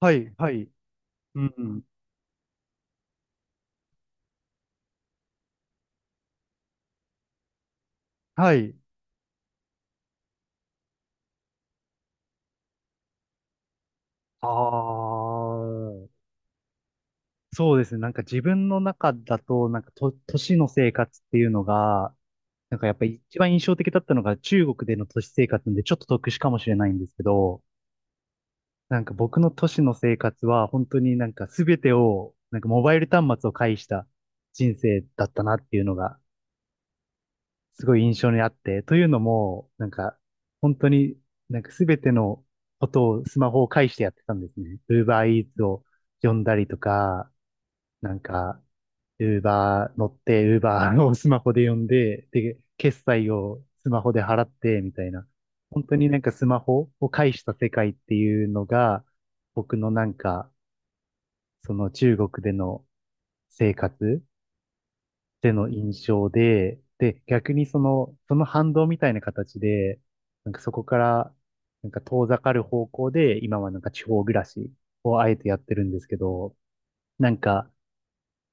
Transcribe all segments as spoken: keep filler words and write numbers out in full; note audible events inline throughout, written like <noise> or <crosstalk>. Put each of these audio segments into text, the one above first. はい、はい、うん、はい。ああ、そうですね。なんか自分の中だと、なんかと、都市の生活っていうのが、なんかやっぱり一番印象的だったのが中国での都市生活んでちょっと特殊かもしれないんですけど、なんか僕の都市の生活は本当になんか全てを、なんかモバイル端末を介した人生だったなっていうのがすごい印象にあって、というのも、なんか、本当になんかすべてのことをスマホを介してやってたんですね。Uber Eats を呼んだりとか、なんか、Uber 乗って、Uber をスマホで呼んで、で、決済をスマホで払って、みたいな。本当になんかスマホを介した世界っていうのが、僕のなんか、その中国での生活ての印象で、で、逆にその、その反動みたいな形で、なんかそこから、なんか遠ざかる方向で、今はなんか地方暮らしをあえてやってるんですけど、なんか、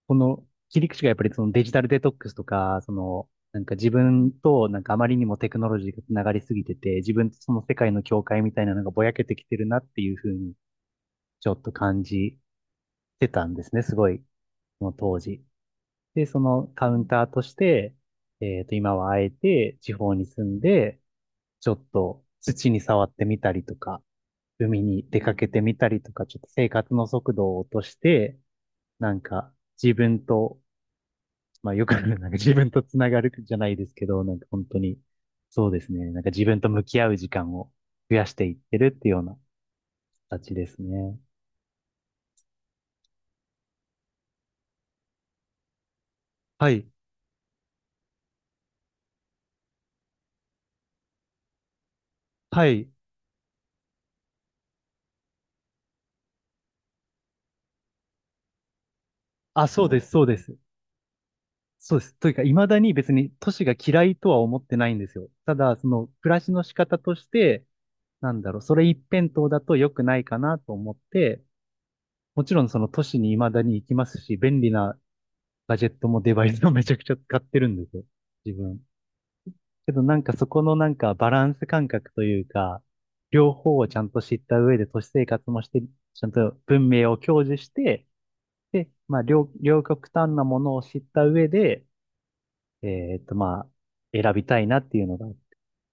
この切り口がやっぱりそのデジタルデトックスとか、その、なんか自分となんかあまりにもテクノロジーがつながりすぎてて、自分とその世界の境界みたいなのがぼやけてきてるなっていうふうに、ちょっと感じてたんですね、すごい、その当時。で、そのカウンターとして、えっと、今はあえて地方に住んで、ちょっと土に触ってみたりとか、海に出かけてみたりとか、ちょっと生活の速度を落として、なんか自分と、まあよくある、なんか自分とつながるじゃないですけど、なんか本当に、そうですね。なんか自分と向き合う時間を増やしていってるっていうような形ですね。はい。はい。あ、そうです、そうです。そうです。というか、未だに別に都市が嫌いとは思ってないんですよ。ただ、その暮らしの仕方として、なんだろう、それ一辺倒だと良くないかなと思って、もちろんその都市に未だに行きますし、便利なガジェットもデバイスもめちゃくちゃ使ってるんですよ。自分。けどなんかそこのなんかバランス感覚というか、両方をちゃんと知った上で都市生活もして、ちゃんと文明を享受して、で、まあ両、両極端なものを知った上で、えーっと、まあ、選びたいなっていうのが。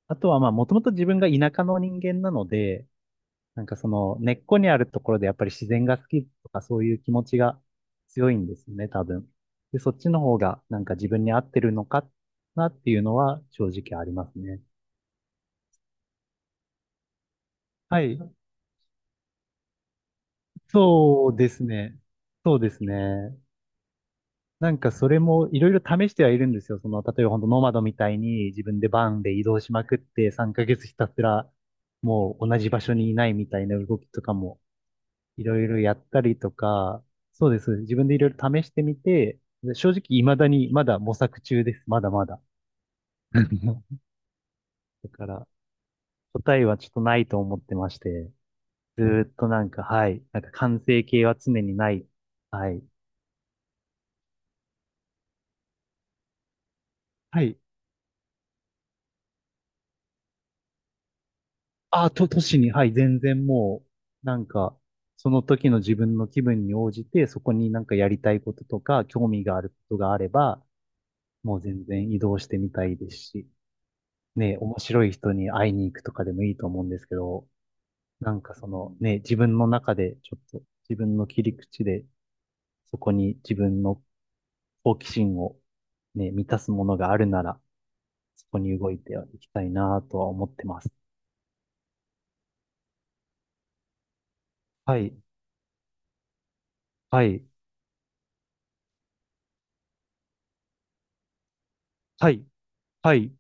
あとは、まあ、もともと自分が田舎の人間なので、なんかその根っこにあるところでやっぱり自然が好きとかそういう気持ちが強いんですよね、多分。で、そっちの方がなんか自分に合ってるのかなっていうのは正直ありますね。はい。そうですね。そうですね。なんかそれもいろいろ試してはいるんですよ。その、例えば本当ノマドみたいに自分でバンで移動しまくってさんかげつひたすらもう同じ場所にいないみたいな動きとかもいろいろやったりとか、そうです。自分でいろいろ試してみて、正直未だにまだ模索中です。まだまだ。<laughs> だから答えはちょっとないと思ってまして、ずーっとなんか、はい、なんか完成形は常にない。はい。はい。あ、と、都市に、はい、全然もう、なんか、その時の自分の気分に応じて、そこになんかやりたいこととか、興味があることがあれば、もう全然移動してみたいですし、ね、面白い人に会いに行くとかでもいいと思うんですけど、なんかそのね、自分の中でちょっと、自分の切り口で、そこに自分の好奇心をね、満たすものがあるなら、そこに動いていきたいなとは思ってます。はい、はい、はい、はい、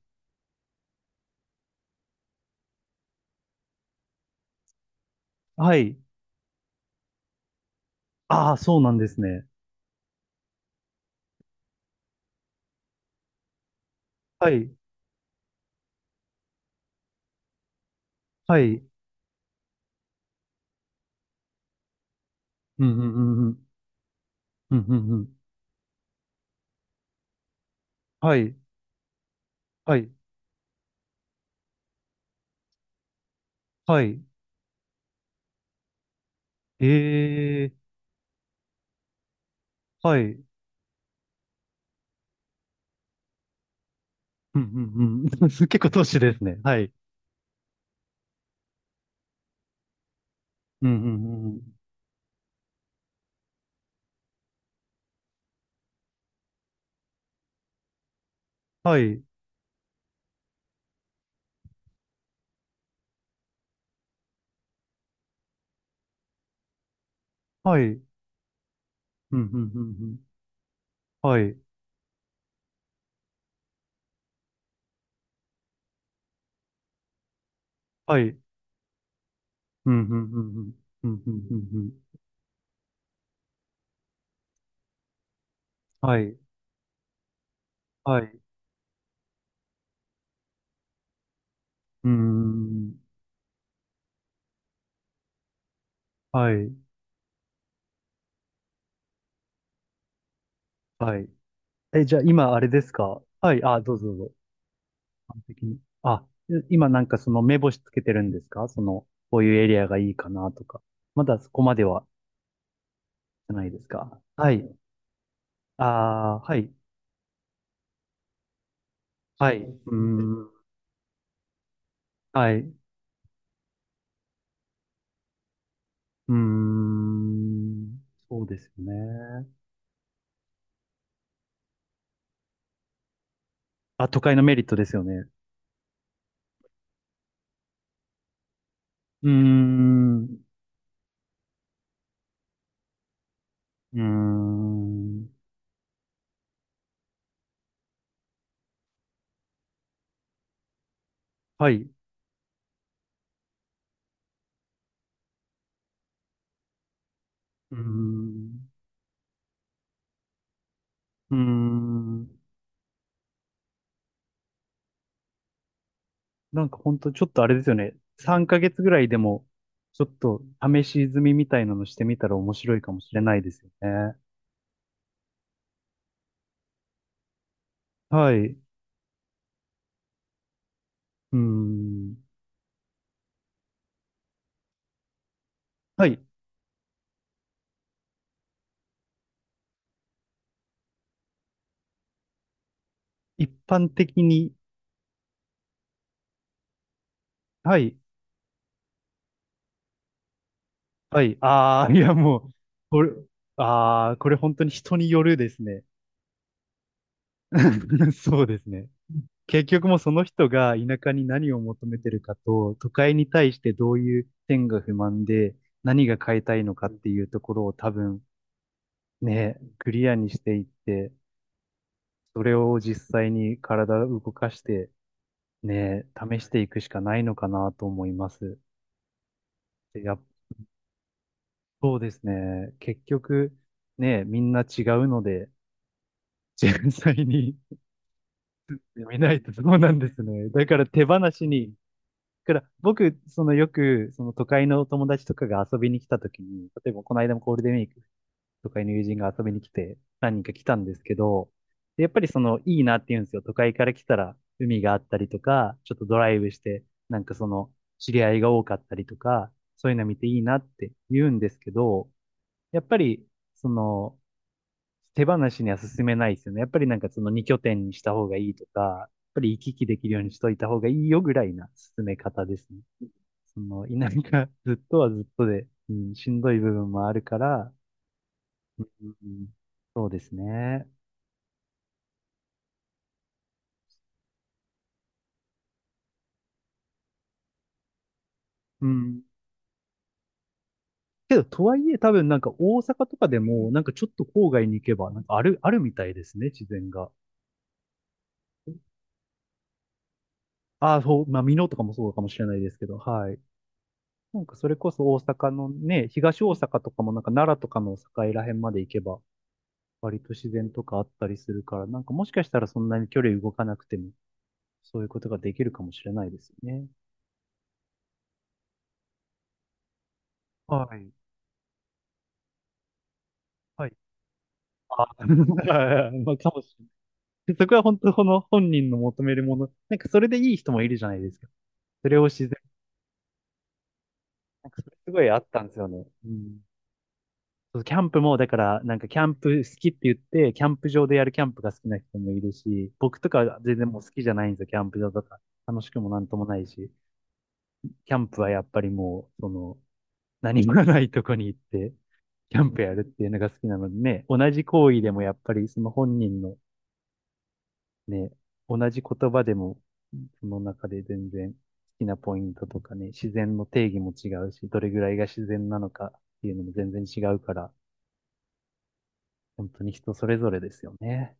はい。ああ、そうなんですね。はい、はい。うん、うん、うん、うん、うん、うんうん。はい、はい、はい。ええ、はい。うん、うん、うん。<laughs> 結構都市ですね。はい。うん、うん、うん。うんはい、はい。うん、うん、うん、うん。はい、はい。うん、うん、うん、うん。うん、うん、うん、うん。はい、はい。うーん。はい、はい。え、じゃあ今あれですか、はい、あ、どうぞどうぞ。完璧に。あ、今なんかその目星つけてるんですか、その、こういうエリアがいいかなとか。まだそこまではじゃないですか。はい。ああ、はい。はい。うーん。はい。うーん。そうですよね。あ、都会のメリットですよね。うーん。うーん。はい。うーん。うーん。なんかほんとちょっとあれですよね。さんかげつぐらいでも、ちょっと試し済みみたいなのしてみたら面白いかもしれないですよね。はい。うーん。はい。一般的に、はい。はい。ああ、いやもう、これ、ああ、これ本当に人によるですね。<laughs> そうですね。結局もうその人が田舎に何を求めてるかと、都会に対してどういう点が不満で、何が変えたいのかっていうところを多分ね、クリアにしていって、それを実際に体を動かして、ね、試していくしかないのかなと思います。で、やっそうですね。結局、ね、みんな違うので、実際に <laughs> 見ないとそうなんですね。だから手放しに、だから僕、そのよく、その都会の友達とかが遊びに来た時に、例えばこの間もゴールデンウィーク都会の友人が遊びに来て、何人か来たんですけど、でやっぱりその、いいなって言うんですよ。都会から来たら、海があったりとか、ちょっとドライブして、なんかその、知り合いが多かったりとか、そういうの見ていいなって言うんですけど、やっぱり、その、手放しには進めないですよね。やっぱりなんかそのに拠点にした方がいいとか、やっぱり行き来できるようにしといた方がいいよぐらいな進め方ですね。その、田舎 <laughs> ずっとはずっとで、うん、しんどい部分もあるから、うんそうですね。うん。けど、とはいえ、多分なんか大阪とかでも、なんかちょっと郊外に行けば、なんかある、あるみたいですね、自然が。ああ、そう、まあ、美濃とかもそうかもしれないですけど、はい。なんかそれこそ大阪のね、東大阪とかもなんか奈良とかの境ら辺まで行けば、割と自然とかあったりするから、なんかもしかしたらそんなに距離動かなくても、そういうことができるかもしれないですよね。はい。はい。あ、<laughs> まあ、かもしれないでそこは本当この本人の求めるもの。なんかそれでいい人もいるじゃないですか。それを自然、なんかそれすごいあったんですよね。うん。そうキャンプも、だから、なんかキャンプ好きって言って、キャンプ場でやるキャンプが好きな人もいるし、僕とかは全然もう好きじゃないんですよ、キャンプ場とか。楽しくもなんともないし、キャンプはやっぱりもう、その、何もないとこに行って、キャンプやるっていうのが好きなのでね、同じ行為でもやっぱりその本人のね、同じ言葉でも、その中で全然好きなポイントとかね、自然の定義も違うし、どれぐらいが自然なのかっていうのも全然違うから、本当に人それぞれですよね。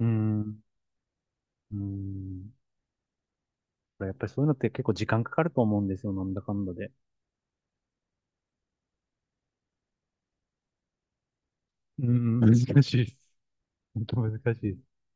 うーん。うーん。やっぱりそういうのって結構時間かかると思うんですよ、なんだかんだで。うーん、難しいです。本当難しいです。